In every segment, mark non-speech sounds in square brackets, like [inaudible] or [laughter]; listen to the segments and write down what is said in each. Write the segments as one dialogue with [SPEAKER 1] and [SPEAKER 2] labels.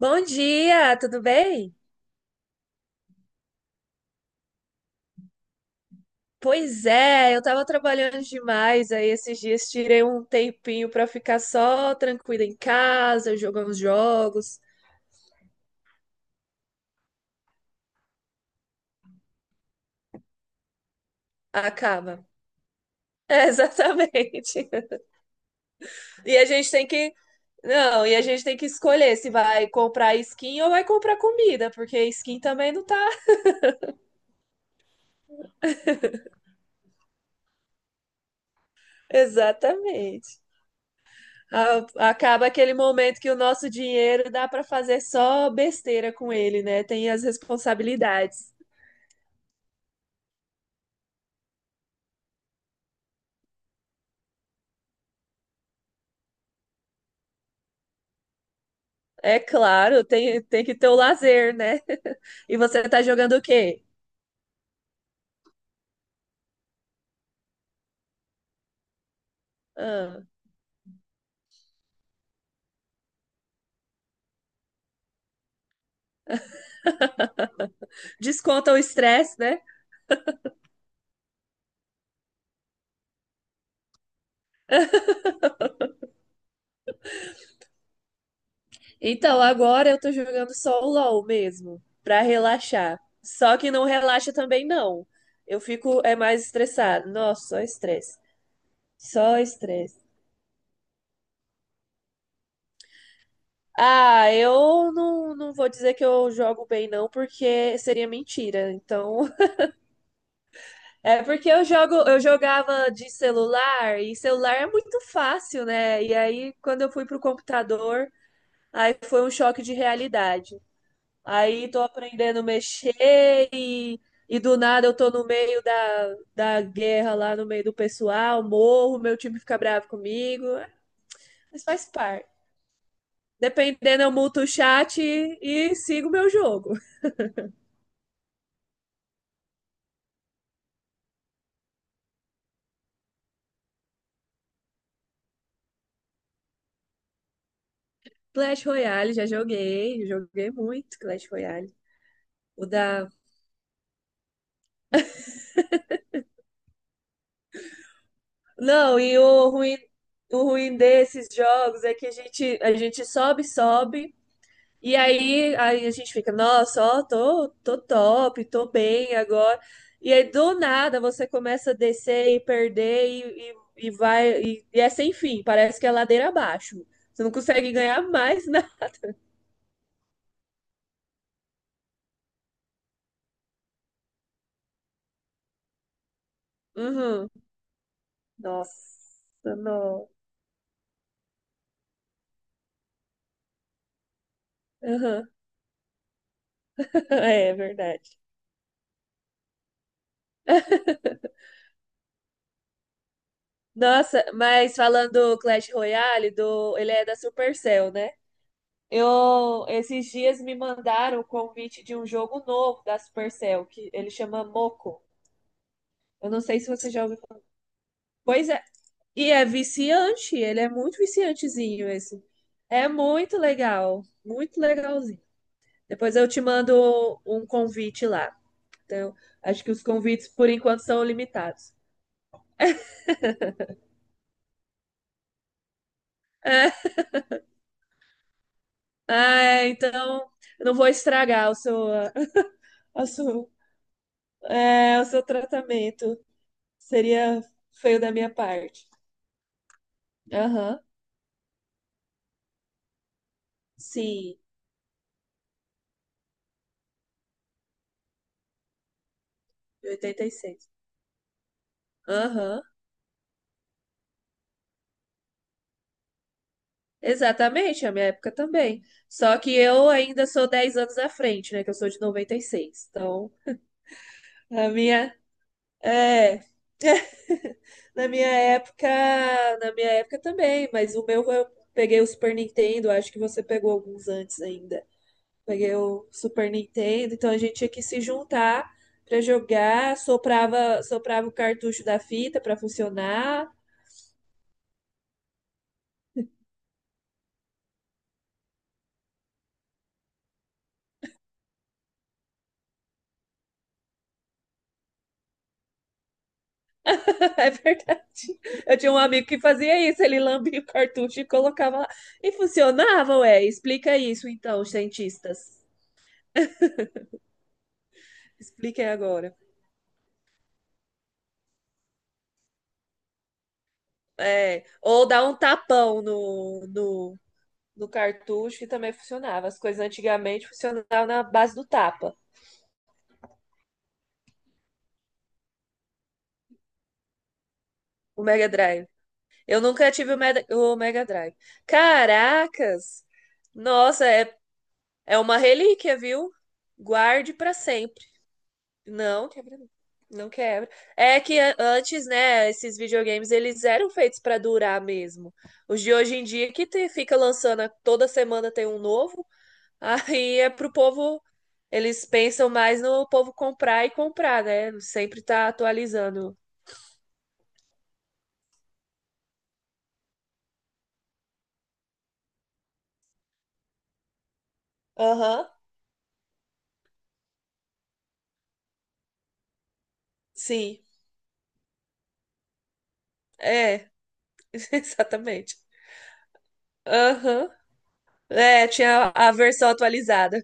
[SPEAKER 1] Bom dia, tudo bem? Pois é, eu tava trabalhando demais aí esses dias, tirei um tempinho pra ficar só tranquila em casa, jogar uns jogos. Acaba. É, exatamente. [laughs] E a gente tem que, não, e a gente tem que escolher se vai comprar skin ou vai comprar comida, porque skin também não tá. [laughs] Exatamente. Acaba aquele momento que o nosso dinheiro dá pra fazer só besteira com ele, né? Tem as responsabilidades. É claro, tem que ter o lazer, né? [laughs] E você tá jogando o quê? Ah, desconta o estresse, né? Então, agora eu tô jogando só o LoL mesmo, pra relaxar. Só que não relaxa também, não. Eu fico é mais estressado. Nossa, só estresse. Só estresse. Ah, eu não, não vou dizer que eu jogo bem, não, porque seria mentira. Então, é porque eu jogava de celular e celular é muito fácil, né? E aí quando eu fui pro computador, aí foi um choque de realidade. Aí tô aprendendo a mexer e do nada eu tô no meio da guerra lá no meio do pessoal, morro, meu time fica bravo comigo. É, mas faz parte. Dependendo, eu muto o chat e sigo meu jogo. [laughs] Clash Royale, já joguei, joguei muito Clash Royale. O da Não, o ruim desses jogos é que a gente sobe, sobe, aí a gente fica, nossa, ó, tô top, tô bem agora. E aí, do nada, você começa a descer e perder. E é sem fim, parece que é ladeira abaixo. Você não consegue ganhar mais, [laughs] né? Uhum. Nossa, não. Uhum. [laughs] É, é verdade. Nossa, mas falando do Clash Royale, ele é da Supercell, né? Eu, esses dias me mandaram o convite de um jogo novo da Supercell, que ele chama Moco. Eu não sei se você já ouviu. Pois é, e é viciante, ele é muito viciantezinho esse. É muito legal, muito legalzinho. Depois eu te mando um convite lá. Então, acho que os convites por enquanto são limitados. [laughs] Ah, então, eu não vou estragar o seu, a sua- é, o seu tratamento. Seria feio da minha parte. Aham. Sim, de 86. Aham, exatamente, a minha época também. Só que eu ainda sou 10 anos à frente, né? Que eu sou de 96. Então, na minha. É, na minha época, na minha época também, mas o meu eu peguei o Super Nintendo, acho que você pegou alguns antes ainda. Peguei o Super Nintendo, então a gente tinha que se juntar pra jogar, soprava, soprava o cartucho da fita pra funcionar. [laughs] É verdade. Eu tinha um amigo que fazia isso, ele lambia o cartucho e colocava lá. E funcionava, ué. Explica isso então, os cientistas. Expliquem agora. É, ou dar um tapão no cartucho, que também funcionava. As coisas antigamente funcionavam na base do tapa. O Mega Drive. Eu nunca tive o Mega Drive. Caracas! Nossa, é, é uma relíquia, viu? Guarde para sempre. Não, quebra não. Não quebra. É que antes, né, esses videogames eles eram feitos pra durar mesmo. Os de hoje em dia que fica lançando toda semana tem um novo, [laughs] aí é pro povo, eles pensam mais no povo comprar e comprar, né? Sempre tá atualizando. Aham, sim. É, [laughs] exatamente. Aham. É, tinha a versão atualizada.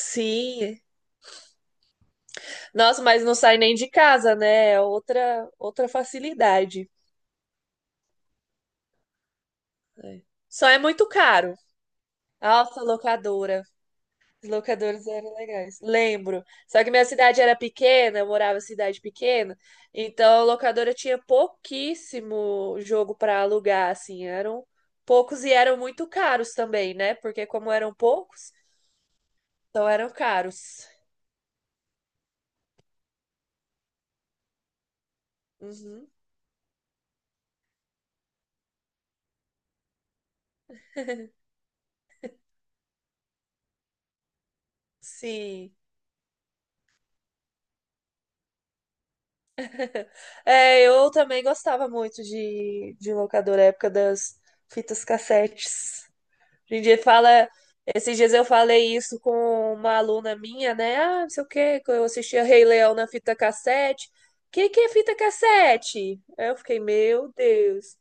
[SPEAKER 1] Sim. Nossa, mas não sai nem de casa, né? É outra outra facilidade. É. Só é muito caro. Nossa, locadora. Os locadores eram legais. Lembro. Só que minha cidade era pequena, eu morava em cidade pequena, então a locadora tinha pouquíssimo jogo para alugar, assim, eram poucos e eram muito caros também, né? Porque como eram poucos, então eram caros. Uhum. Sim. [laughs] É, eu também gostava muito de locadora, época das fitas cassetes. A gente fala. Esses dias eu falei isso com uma aluna minha, né? Ah, não sei o quê, que eu assistia Rei Leão na fita cassete. O que que é fita cassete? Aí eu fiquei, meu Deus,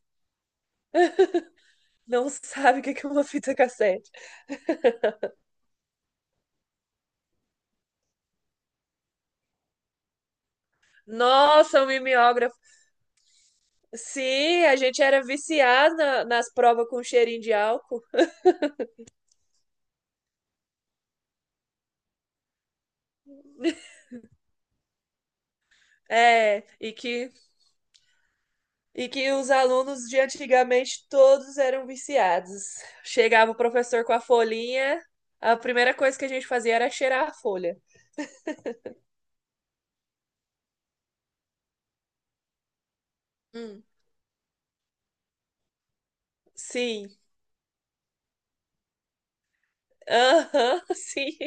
[SPEAKER 1] não [laughs] sabe o que que é uma fita cassete. Nossa, o mimeógrafo. Sim, a gente era viciado nas provas com cheirinho de álcool. [laughs] É, e que E que os alunos de antigamente todos eram viciados. Chegava o professor com a folhinha, a primeira coisa que a gente fazia era cheirar a folha. Hum. Sim. Aham, [laughs] sim.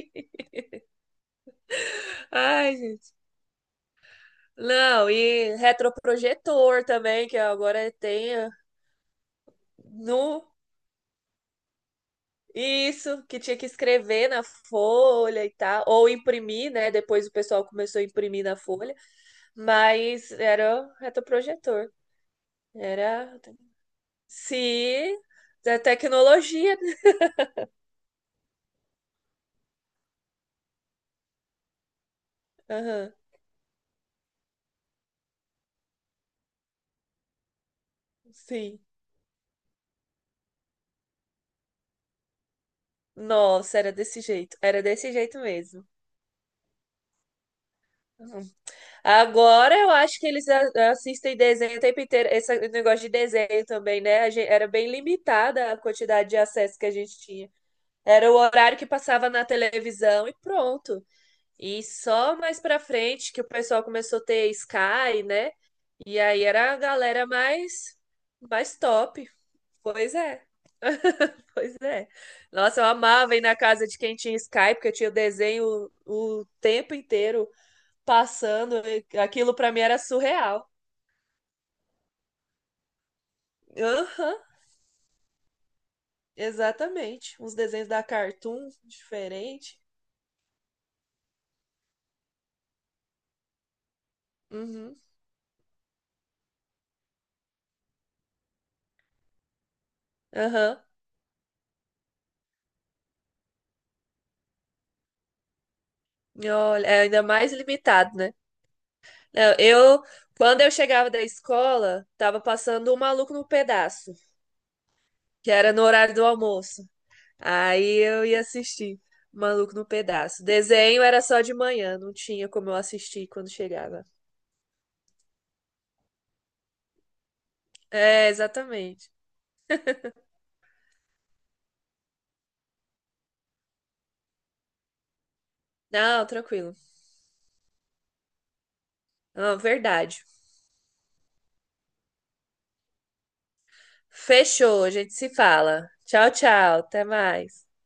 [SPEAKER 1] Ai, gente. Não, e retroprojetor também, que agora tem ah, no isso, que tinha que escrever na folha e tal, ou imprimir, né? Depois o pessoal começou a imprimir na folha, mas era retroprojetor. Era Sim, da tecnologia, né? Aham, sim. Nossa, era desse jeito. Era desse jeito mesmo. Uhum. Agora eu acho que eles assistem desenho o tempo inteiro. Esse negócio de desenho também, né? A gente, era bem limitada a quantidade de acesso que a gente tinha. Era o horário que passava na televisão e pronto. E só mais pra frente que o pessoal começou a ter Sky, né? E aí era a galera mais, mais top. Pois é. [laughs] Pois é. Nossa, eu amava ir na casa de quem tinha Skype, porque tinha o desenho o tempo inteiro passando. E aquilo pra mim era surreal. Aham, exatamente. Uns desenhos da Cartoon diferente. Uhum, aham. E olha, é ainda mais limitado, né? Não, eu, quando eu chegava da escola, tava passando o Maluco no Pedaço, que era no horário do almoço. Aí eu ia assistir Maluco no Pedaço. Desenho era só de manhã, não tinha como eu assistir quando chegava. É, exatamente. Não, tranquilo. Não, verdade. Fechou, a gente se fala. Tchau, tchau, até mais.